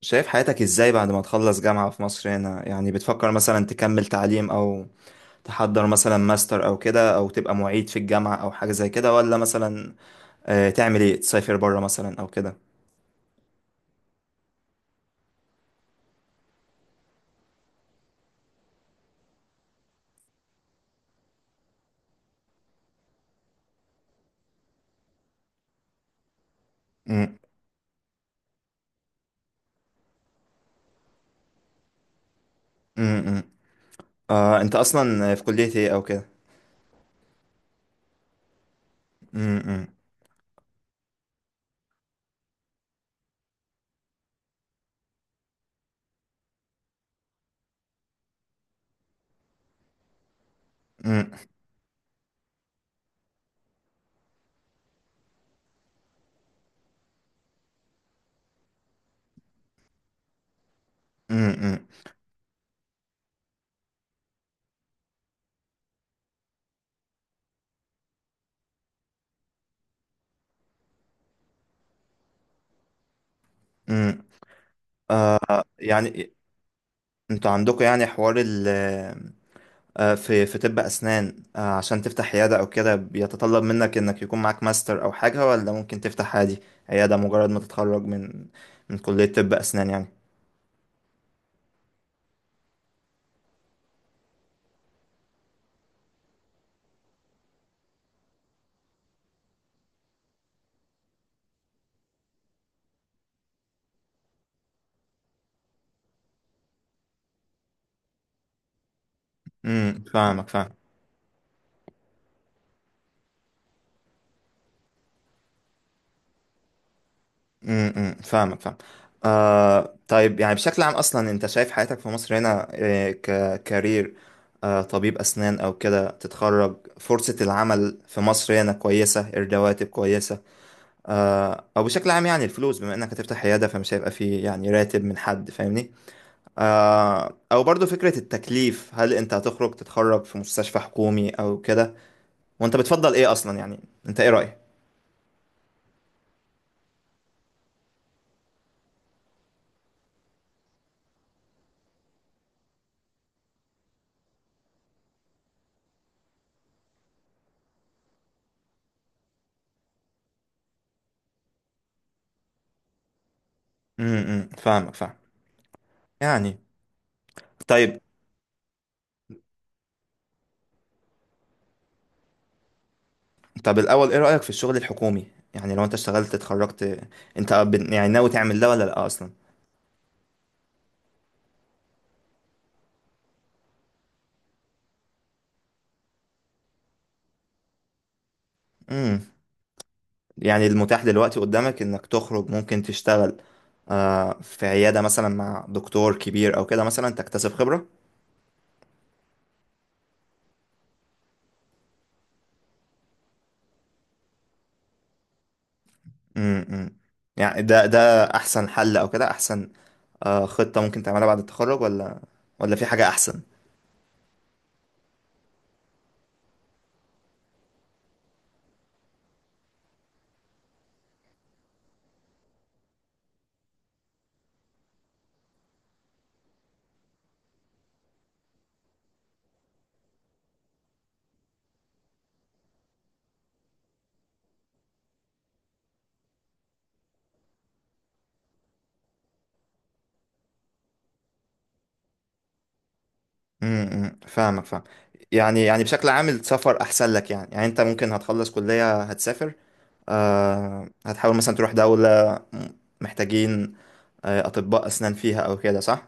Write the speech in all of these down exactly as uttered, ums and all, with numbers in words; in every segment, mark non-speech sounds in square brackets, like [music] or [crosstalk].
شايف حياتك ازاي بعد ما تخلص جامعة في مصر هنا؟ يعني بتفكر مثلا تكمل تعليم او تحضر مثلا ماستر او كده، او تبقى معيد في الجامعة او حاجة زي كده، ولا مثلا آه، تعمل ايه؟ تسافر بره مثلا او كده؟ أمم، أمم، أمم. آه، انت اصلا في كلية ايه او كده؟ أمم، أمم، أمم، أمم، أمم. يعني انتوا عندكم يعني حوار ال آه، في في طب أسنان، آه، عشان تفتح عيادة أو كده، بيتطلب منك إنك يكون معاك ماستر أو حاجة، ولا ممكن تفتح عادي عيادة مجرد ما تتخرج من من كلية طب أسنان يعني؟ امم، فاهمك فاهم. امم امم، فاهمك فاهم. آه طيب، يعني بشكل عام أصلا، أنت شايف حياتك في مصر هنا آه، ككارير، آه طبيب أسنان أو كده، تتخرج فرصة العمل في مصر هنا كويسة؟ الرواتب كويسة آه أو بشكل عام؟ يعني الفلوس، بما إنك هتفتح عيادة فمش هيبقى فيه يعني راتب من حد، فاهمني؟ آه، او برضو فكرة التكليف، هل انت هتخرج تتخرج في مستشفى حكومي او كده؟ وانت بتفضل ايه اصلا يعني؟ انت ايه رأيك؟ امم، فاهمك فاهم. يعني طيب، طب الاول ايه رأيك في الشغل الحكومي؟ يعني لو انت اشتغلت اتخرجت، انت بن- يعني ناوي تعمل ده ولا لا اصلا؟ امم. يعني المتاح دلوقتي قدامك انك تخرج ممكن تشتغل آه، في عيادة مثلا مع دكتور كبير او كده، مثلا تكتسب خبرة. امم. يعني ده ده احسن حل او كده، احسن آه، خطة ممكن تعملها بعد التخرج، ولا ولا في حاجة أحسن؟ امم، فاهمك فاهم. يعني يعني بشكل عام السفر أحسن لك؟ يعني يعني أنت ممكن هتخلص كلية هتسافر، آه، هتحاول مثلا تروح دولة محتاجين آه، أطباء أسنان فيها أو كده، صح؟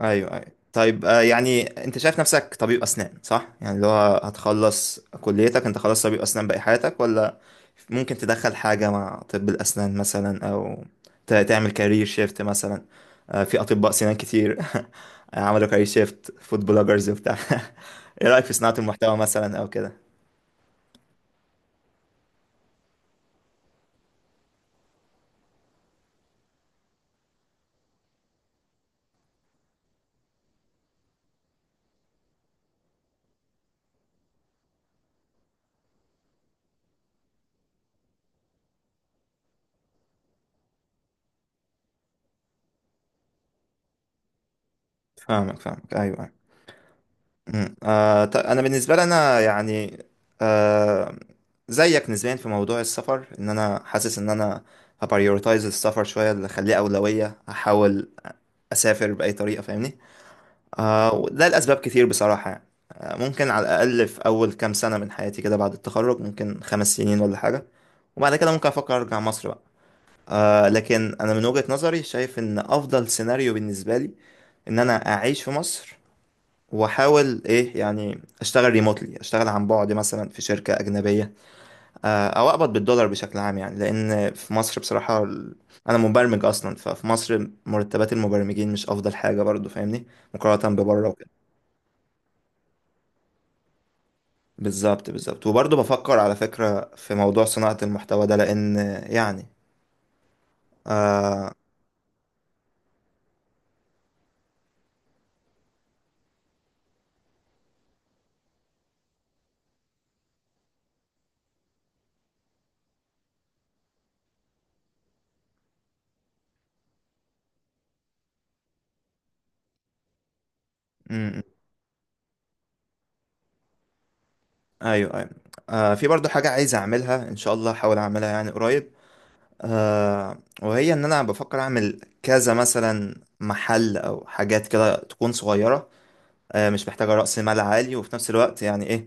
ايوه ايوه. طيب آه، يعني انت شايف نفسك طبيب اسنان صح؟ يعني اللي هو هتخلص كليتك انت خلاص طبيب اسنان باقي حياتك، ولا ممكن تدخل حاجه مع طب الاسنان مثلا، او ت- تعمل كارير شيفت مثلا؟ آه، في اطباء سنان كتير [laughs] عملوا كارير شيفت فود بلوجرز وبتاع. [laughs] ايه رايك في صناعه المحتوى مثلا او كده؟ فاهمك فاهمك، ايوه أيوه. مم. آه ط- انا بالنسبه لي انا يعني آه زيك نسبيا في موضوع السفر، ان انا حاسس ان انا هبريورتايز السفر شويه، اللي اخليه اولويه. هحاول اسافر باي طريقه، فاهمني؟ آه وده لاسباب كتير بصراحه يعني. آه ممكن على الاقل في اول كام سنه من حياتي كده بعد التخرج، ممكن خمس سنين ولا حاجه، وبعد كده ممكن افكر ارجع مصر بقى. آه لكن انا من وجهه نظري شايف ان افضل سيناريو بالنسبه لي ان انا اعيش في مصر واحاول ايه يعني اشتغل ريموتلي، اشتغل عن بعد مثلا في شركه اجنبيه، آه، او اقبض بالدولار بشكل عام يعني. لان في مصر بصراحه، ال- انا مبرمج اصلا، ففي مصر مرتبات المبرمجين مش افضل حاجه برضو، فاهمني؟ مقارنه ببره وكده. بالظبط بالظبط. وبرضو بفكر على فكره في موضوع صناعه المحتوى ده، لان يعني. امم، ايوه ايوه. آه، في برضو حاجه عايز اعملها ان شاء الله، احاول اعملها يعني قريب، آه وهي ان انا بفكر اعمل كذا مثلا محل او حاجات كده تكون صغيرة، آه مش محتاجة رأس مال عالي، وفي نفس الوقت يعني ايه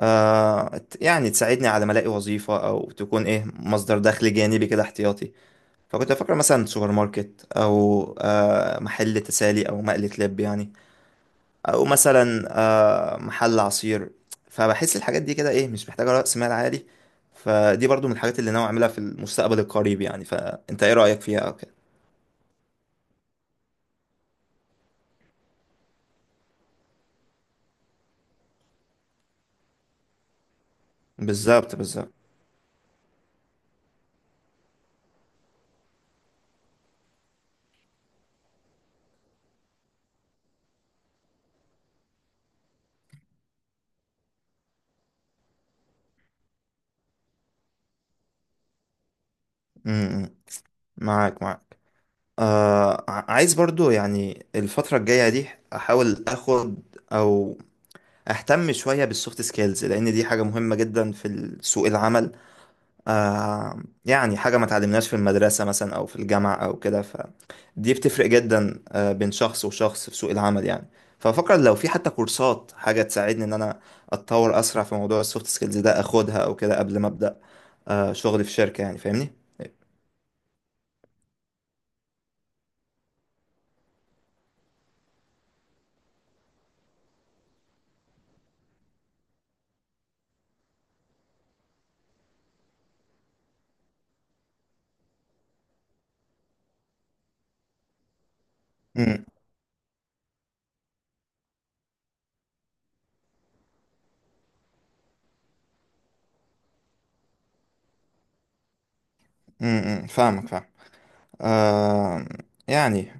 آه ت- يعني تساعدني على ما الاقي وظيفة، او تكون ايه مصدر دخل جانبي كده احتياطي. فكنت بفكر مثلا سوبر ماركت، او آه محل تسالي، او مقلة لب يعني، او مثلا آه، محل عصير. فبحس الحاجات دي كده ايه مش محتاجه راس مال عالي، فدي برضو من الحاجات اللي ناوي اعملها في المستقبل القريب يعني. فانت ايه رايك فيها او كده؟ بالظبط بالظبط. امم، معاك معاك. آه ع- عايز برضو يعني الفتره الجايه دي احاول اخد او اهتم شويه بالسوفت سكيلز، لان دي حاجه مهمه جدا في ال- سوق العمل. آه يعني حاجة ما تعلمناش في المدرسة مثلا أو في الجامعة أو كده، فدي بتفرق جدا آه بين شخص وشخص في سوق العمل يعني. ففكر لو في حتى كورسات حاجة تساعدني إن أنا أتطور أسرع في موضوع السوفت سكيلز ده أخدها أو كده، قبل ما أبدأ آه شغل في شركة يعني، فاهمني؟ امم امم، فاهمك فاهم. آه يعني،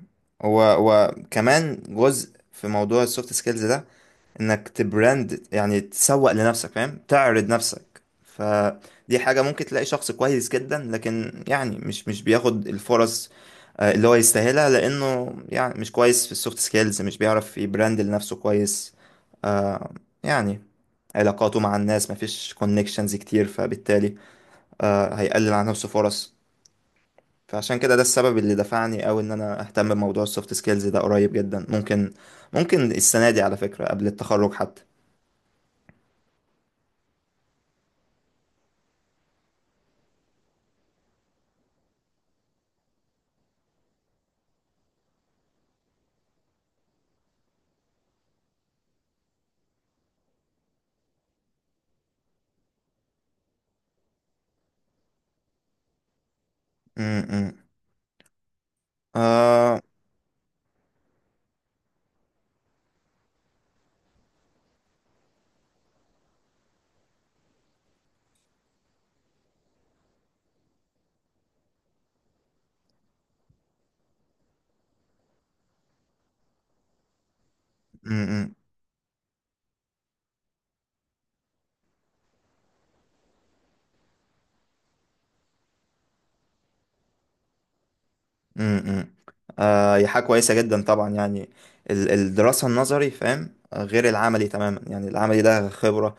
و وكمان جزء في موضوع السوفت سكيلز ده، انك تبراند، يعني تسوق لنفسك، فاهم، تعرض نفسك، فدي حاجة ممكن تلاقي شخص كويس جدا لكن يعني مش مش بياخد الفرص آه، اللي هو يستاهلها، لانه يعني مش كويس في السوفت سكيلز، مش بيعرف يبراند لنفسه كويس، آه، يعني علاقاته مع الناس مفيش كونكشنز كتير، فبالتالي آه، هيقلل عن نفسه فرص. فعشان كده ده السبب اللي دفعني أوي إن أنا أهتم بموضوع السوفت سكيلز ده قريب جدا، ممكن ممكن السنة دي على فكرة قبل التخرج حتى. م- م. آه م- م- م- م. آه هي حاجة كويسة جدا طبعا يعني، ال- الدراسة النظري فاهم آه، غير العملي تماما يعني. العملي ده خبرة،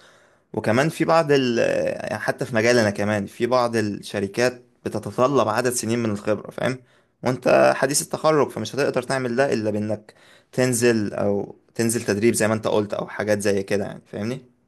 وكمان في بعض ال آه، حتى في مجالنا كمان، في بعض الشركات بتتطلب عدد سنين من الخبرة فاهم، وانت حديث التخرج فمش هتقدر تعمل ده إلا بإنك تنزل أو تنزل تدريب زي ما انت قلت، أو حاجات زي كده يعني، فاهمني؟